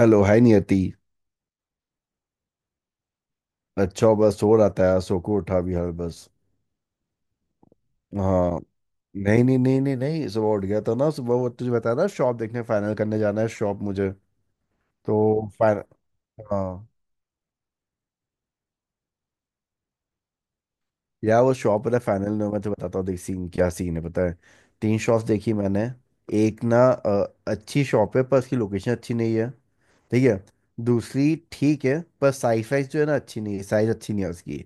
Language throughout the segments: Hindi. Hello, hi Niyati. अच्छा बस सो रहा था यार, सो को उठा भी हर बस। हाँ। नहीं नहीं नहीं नहीं नहीं, सुबह उठ गया था ना, सुबह वो तुझे बताया ना शॉप देखने फाइनल करने जाना है शॉप मुझे। तो फाइनल। हाँ। यार वो शॉप वाला फाइनल में मैं तो बताता हूँ, देख सीन क्या सीन है पता है। तीन शॉप्स देखी मैंने। एक ना अच्छी शॉप है पर उसकी लोकेशन अच्छी नहीं है। ठीक है। दूसरी ठीक है पर साइज वाइज जो है ना अच्छी नहीं है, साइज अच्छी नहीं है उसकी।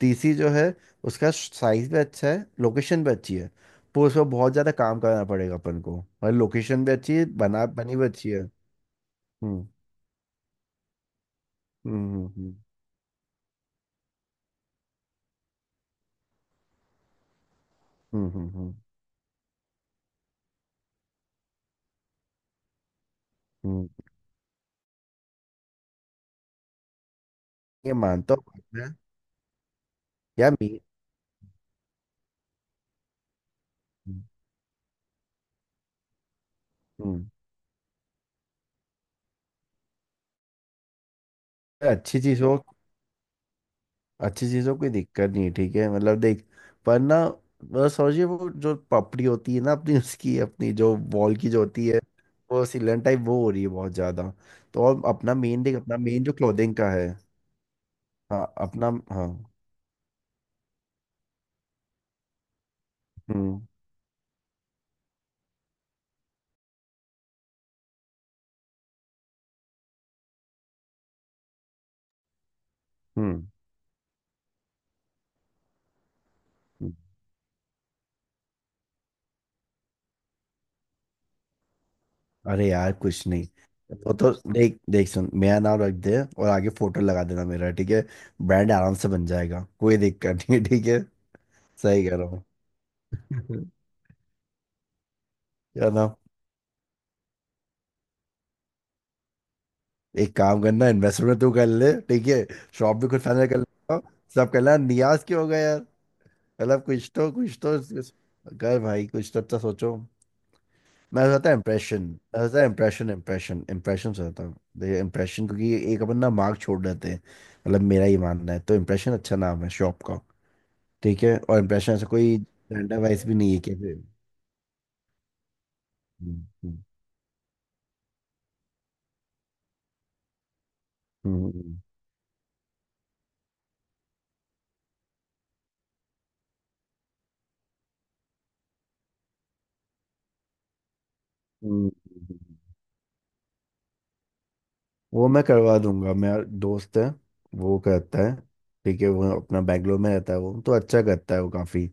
टीसी जो है, उसका साइज भी अच्छा है, लोकेशन भी अच्छी है पर उसमें बहुत ज़्यादा काम करना पड़ेगा अपन को। और लोकेशन भी अच्छी है, बना बनी भी अच्छी है। हम्म हम्म हम्म हम्म हम्म हम्म हम्म, हम्म। ये मानता हूँ बात मैं। यार मी हम्म। अच्छी चीज़ों अच्छी चीज़ों कोई दिक्कत नहीं है ठीक है, मतलब देख, पर ना मतलब समझिए वो जो पपड़ी होती है ना अपनी, उसकी अपनी जो वॉल की जो होती है, वो सिलन टाइप वो हो रही है बहुत ज़्यादा। तो और अपना मेन जो क्लोथिंग का है। हाँ, अपना हाँ। हम्म हम्म हम्म। अरे यार कुछ नहीं, वो तो देख देख सुन, मेरा नाम रख दे और आगे फोटो लगा देना मेरा, ठीक है। ब्रांड आराम से बन जाएगा, कोई दिक्कत नहीं है, ठीक है। सही कह रहा हूँ। क्या ना। एक काम करना, इन्वेस्टमेंट तू कर ले, ठीक है। शॉप भी खुद फाइनल कर लेगा, सब करना। नियाज क्यों हो गया यार? मतलब कुछ तो कर भाई, कुछ तो अच्छा सोचो। मैं बताता है इम्प्रेशन, इम्प्रेशन से होता है इम्प्रेशन, क्योंकि एक अपन ना मार्क छोड़ देते हैं। मतलब मेरा ही मानना है, तो इम्प्रेशन अच्छा नाम है शॉप का। ठीक है। और इम्प्रेशन ऐसा कोई जेंडर वाइज भी नहीं है, कैसे। हम्म, हम्म, हम्म, हम्म, हम्म, हम्म। वो मैं करवा दूंगा, मेरा दोस्त है, वो करता है, ठीक है। वो अपना बैंगलोर में रहता है, वो तो अच्छा करता है वो काफ़ी।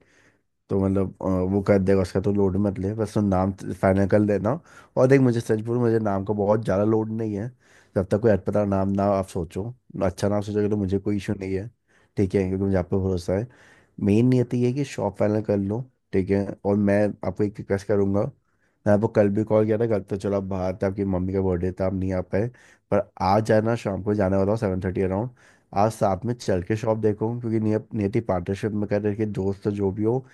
तो मतलब वो कर देगा, उसका तो लोड मत ले, बस तुम नाम फाइनल कर लेना। और देख मुझे सच बोलूं, मुझे नाम का बहुत ज़्यादा लोड नहीं है। जब तक कोई अटपटा नाम ना आप सोचो, अच्छा नाम सोचोगे तो मुझे कोई इशू नहीं है, ठीक है, क्योंकि मुझे आप पे भरोसा है। मेन नियति ये है कि शॉप फाइनल कर लो, ठीक है। और मैं आपको एक रिक्वेस्ट करूंगा। मैं आपको कल भी कॉल किया था, कल तो चलो आप बाहर थे, आपकी मम्मी का बर्थडे था, आप नहीं आ पाए। पर आज जाना शाम को जाने वाला हूँ 7:30 अराउंड। आज साथ में चल के शॉप देखो, क्योंकि नियति पार्टनरशिप में कर रहे हैं, कि दोस्त तो जो भी हो,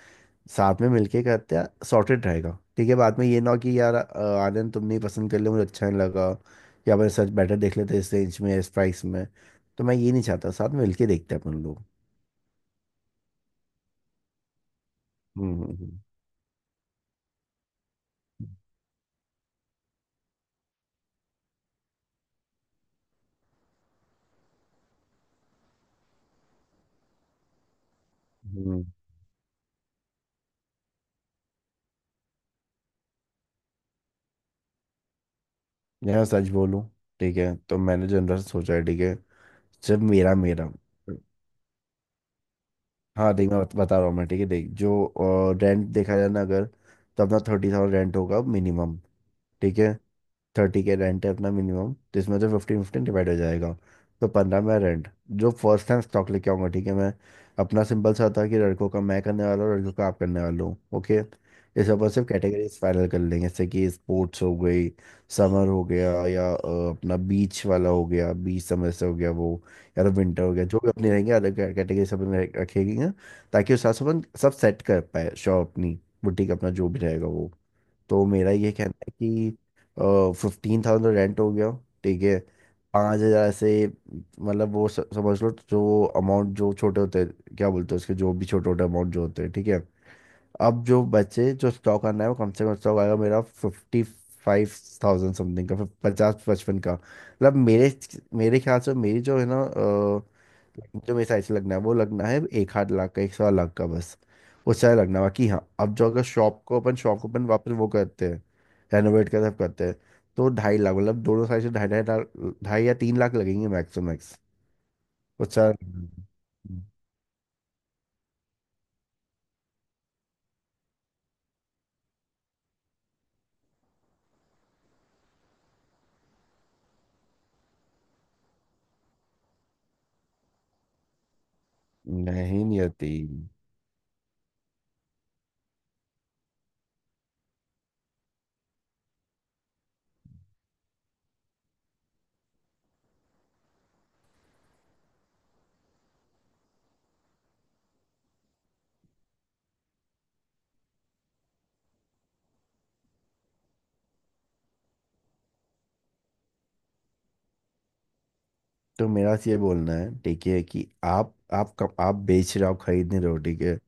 साथ में मिलके करते हैं, सॉर्टेड रहेगा, ठीक है। बाद में ये ना हो कि यार आनंद तुमने ही पसंद कर लिया, मुझे अच्छा नहीं लगा या मैं सच बेटर देख लेते इस रेंज में, इस प्राइस में। तो मैं ये नहीं चाहता, साथ में मिलके देखते हैं अपन लोग। हम्म हम्म हम्म। यार सच बोलूं, ठीक है, तो मैंने जनरल सोचा है, ठीक है। जब मेरा मेरा हाँ देख मैं बता रहा हूँ मैं, ठीक है, देख जो रेंट देखा जाए ना अगर, तो अपना 30,000 रेंट होगा मिनिमम। ठीक है। 30 के रेंट है अपना मिनिमम, जिसमें से 15-15 डिवाइड हो जाएगा। तो 15 मेरा रेंट, जो फर्स्ट टाइम स्टॉक लेके आऊंगा, ठीक है मैं। अपना सिंपल सा था कि लड़कों का मैं करने वाला हूँ, लड़कों का आप करने वाला हूँ, ओके। इस ऊपर सिर्फ कैटेगरीज फाइनल कर लेंगे, जैसे कि स्पोर्ट्स हो गई, समर हो गया या अपना बीच वाला हो गया, बीच समर से हो गया वो, या तो विंटर हो गया, जो भी अपनी रहेंगे अलग कैटेगरी सब अपने रखेंगे, ताकि उस हिसाब से अपन सब सेट कर पाए शॉप अपनी, बुटीक अपना जो भी रहेगा वो। तो मेरा ये कहना है कि 15,000 रेंट हो गया, ठीक है। 5,000 से मतलब वो समझ लो जो अमाउंट जो छोटे होते हैं क्या बोलते हैं उसके, जो भी छोटे छोटे अमाउंट जो होते हैं, ठीक है। अब जो बचे जो स्टॉक आना है वो कम से कम स्टॉक आएगा मेरा 55,000 समथिंग का, 50-55 का, मतलब मेरे मेरे ख्याल से मेरी जो है ना जो मेरे साइड से लगना है वो लगना है, एक आध लाख का, एक सवा लाख का, बस। उससे ज़्यादा लगना है। बाकी हाँ, अब जो अगर शॉप को अपन वापस वो करते हैं, रेनोवेट कर सब करते हैं, तो 2.5 लाख मतलब दोनों साइड से ढाई ढाई लाख, ढाई या 3 लाख लगेंगे मैक्स टू मैक्स, उससे ज़्यादा नहीं नहीं होती। तो मेरा तो ये बोलना है ठीक है कि आप बेच रहे हो, आप खरीद नहीं रहे हो, ठीक है।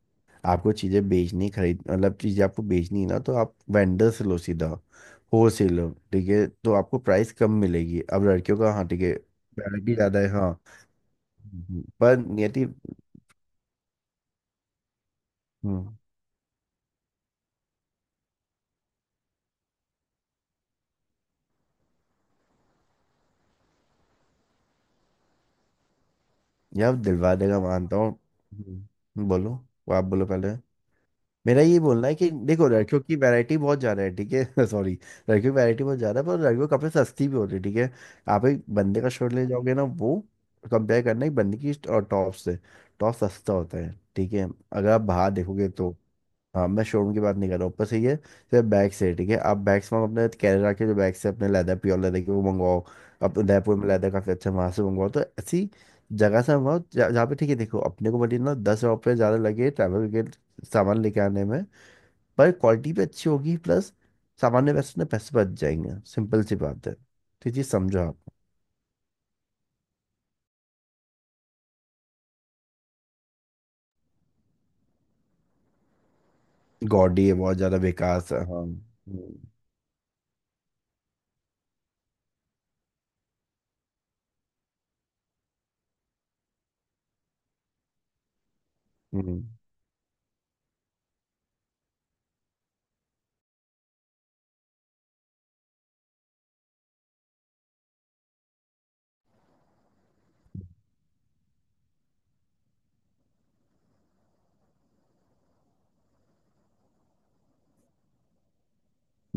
आपको चीज़ें बेचनी, खरीद मतलब चीज़ें आपको बेचनी है ना, तो आप वेंडर से लो सीधा, होल सेल लो, ठीक है, तो आपको प्राइस कम मिलेगी। अब लड़कियों का हाँ ठीक है, वैरायटी ज़्यादा है हाँ। पर नियति। हम्म। यार दिलवा देगा मानता हूँ। बोलो। आप बोलो पहले। मेरा ये बोलना है कि देखो लड़कियों की वैरायटी बहुत ज्यादा है, ठीक है। सॉरी, लड़कियों की वैरायटी बहुत ज्यादा है पर लड़कियों के कपड़े सस्ती भी होती है, ठीक है। आप एक बंदे का शर्ट ले जाओगे ना वो, कंपेयर करना एक बंदे की और टॉप से, टॉप सस्ता होता है, ठीक है, अगर आप बाहर देखोगे तो। हाँ मैं शोरूम की बात नहीं कर रहा हूँ, ऊपर से ये सिर्फ बैग्स है, ठीक है। आप बैग्स में अपने केरला के जो बैग्स है अपने लेदर, प्योर लेदर के, वो मंगवाओ। अपने उदयपुर में लेदर काफ़ी अच्छा है, वहाँ से मंगवाओ, तो ऐसी जगह से मंगवाओ जहाँ जहाँ पे ठीक है। देखो अपने को भले ना 10 रुपये ज़्यादा लगे ट्रैवल सामान लेके आने में, पर क्वालिटी भी अच्छी होगी प्लस सामान्य पैसे ना पैसे बच जाएंगे, सिंपल सी बात है, तो ये चीज़ समझो आप। गॉडी ये बहुत ज़्यादा बेकार सा, हाँ। हम्म।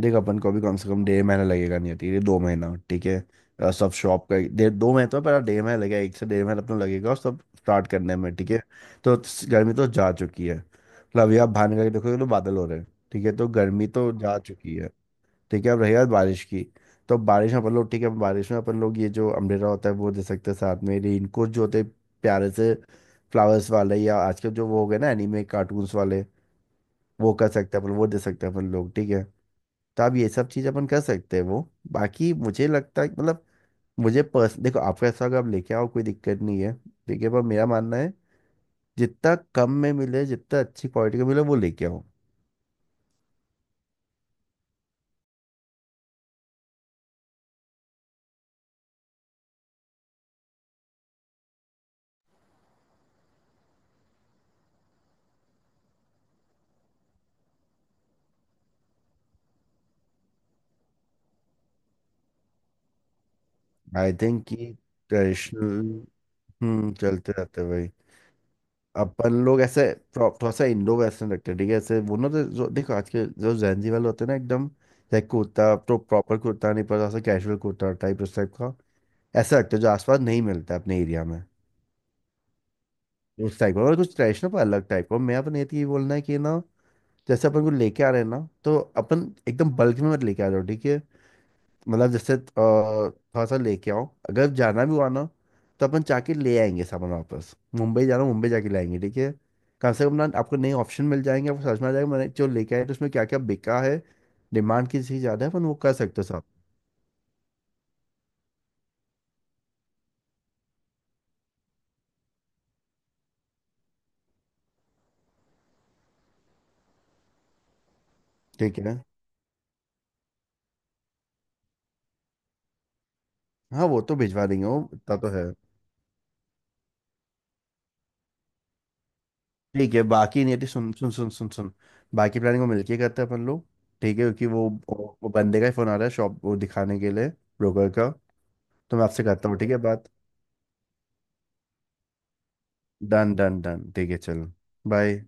देख अपन को भी कम से कम 1.5 महीना लगेगा, नहीं ठीक है 2 महीना ठीक है, सब शॉप का 1.5-2 महीने तो है, पर 1.5 महीना लगेगा, 1 से 1.5 महीना अपना लगेगा और सब स्टार्ट करने में, ठीक है। तो गर्मी तो जा चुकी है मतलब, अभी आप बाहर निकल के देखोगे तो बादल हो रहे हैं, ठीक है, तो गर्मी तो जा चुकी है। ठीक है। अब रही बात बारिश की, तो बारिश में अपन लोग, ठीक है, बारिश में अपन लोग ये जो अम्ब्रेला होता है वो दे सकते हैं, साथ में रेनकोट जो होते हैं प्यारे से, फ्लावर्स वाले या आजकल जो वो हो गए ना एनीमे कार्टून्स वाले, वो कर सकते हैं अपन, वो दे सकते हैं अपन लोग, ठीक है। तो आप ये सब चीज़ अपन कर सकते हैं वो, बाकी मुझे लगता है मतलब मुझे पर्स देखो आपका हिस्सा अगर आप लेके आओ कोई दिक्कत नहीं है, ठीक है, पर मेरा मानना है जितना कम में मिले, जितना अच्छी क्वालिटी का मिले, वो लेके आओ। आई थिंक कि ट्रेडिशनल। हम्म, चलते रहते हैं भाई। अपन लोग ऐसे थोड़ा सा इंडो वेस्टर्न रखते हैं, ठीक है। ऐसे वो ना जो जो- देखो आज के जो जैनजी वाले होते हैं ना एकदम, लाइक कुर्ता तो प्रॉपर कुर्ता नहीं पड़ता, ऐसा कैजुअल कुर्ता टाइप, उस टाइप का। ऐसा रखते हैं जो आसपास नहीं मिलता है अपने एरिया में, उस टाइप का और कुछ ट्रेडिशनल पर अलग टाइप का। मैं अपने ये बोलना है कि ना, जैसे अपन को लेके आ रहे हैं ना, तो अपन एकदम बल्क में मत लेके आ जाओ, ठीक है। मतलब जैसे थोड़ा सा लेके आओ, अगर जाना भी हुआ ना, तो अपन जाके ले आएंगे सामान वापस, मुंबई जाना, मुंबई जाके लाएंगे, ठीक है। कम से कम ना आपको नए ऑप्शन मिल जाएंगे, आपको समझ में आ जाएगा, मैंने जो लेके आए तो उसमें क्या क्या बिका है, डिमांड किस चीज़ ज़्यादा है, अपन वो कर सकते हो साहब। ठीक है। हाँ वो तो भिजवा देंगे, वो इतना तो है। ठीक है बाकी नहीं, सुन सुन सुन सुन सुन, बाकी प्लानिंग को मिलके करते हैं अपन लोग, ठीक है, क्योंकि वो बंदे का ही फ़ोन आ रहा है शॉप वो दिखाने के लिए, ब्रोकर का। तो मैं आपसे करता हूँ ठीक है बात। डन डन डन ठीक है चलो। बाय।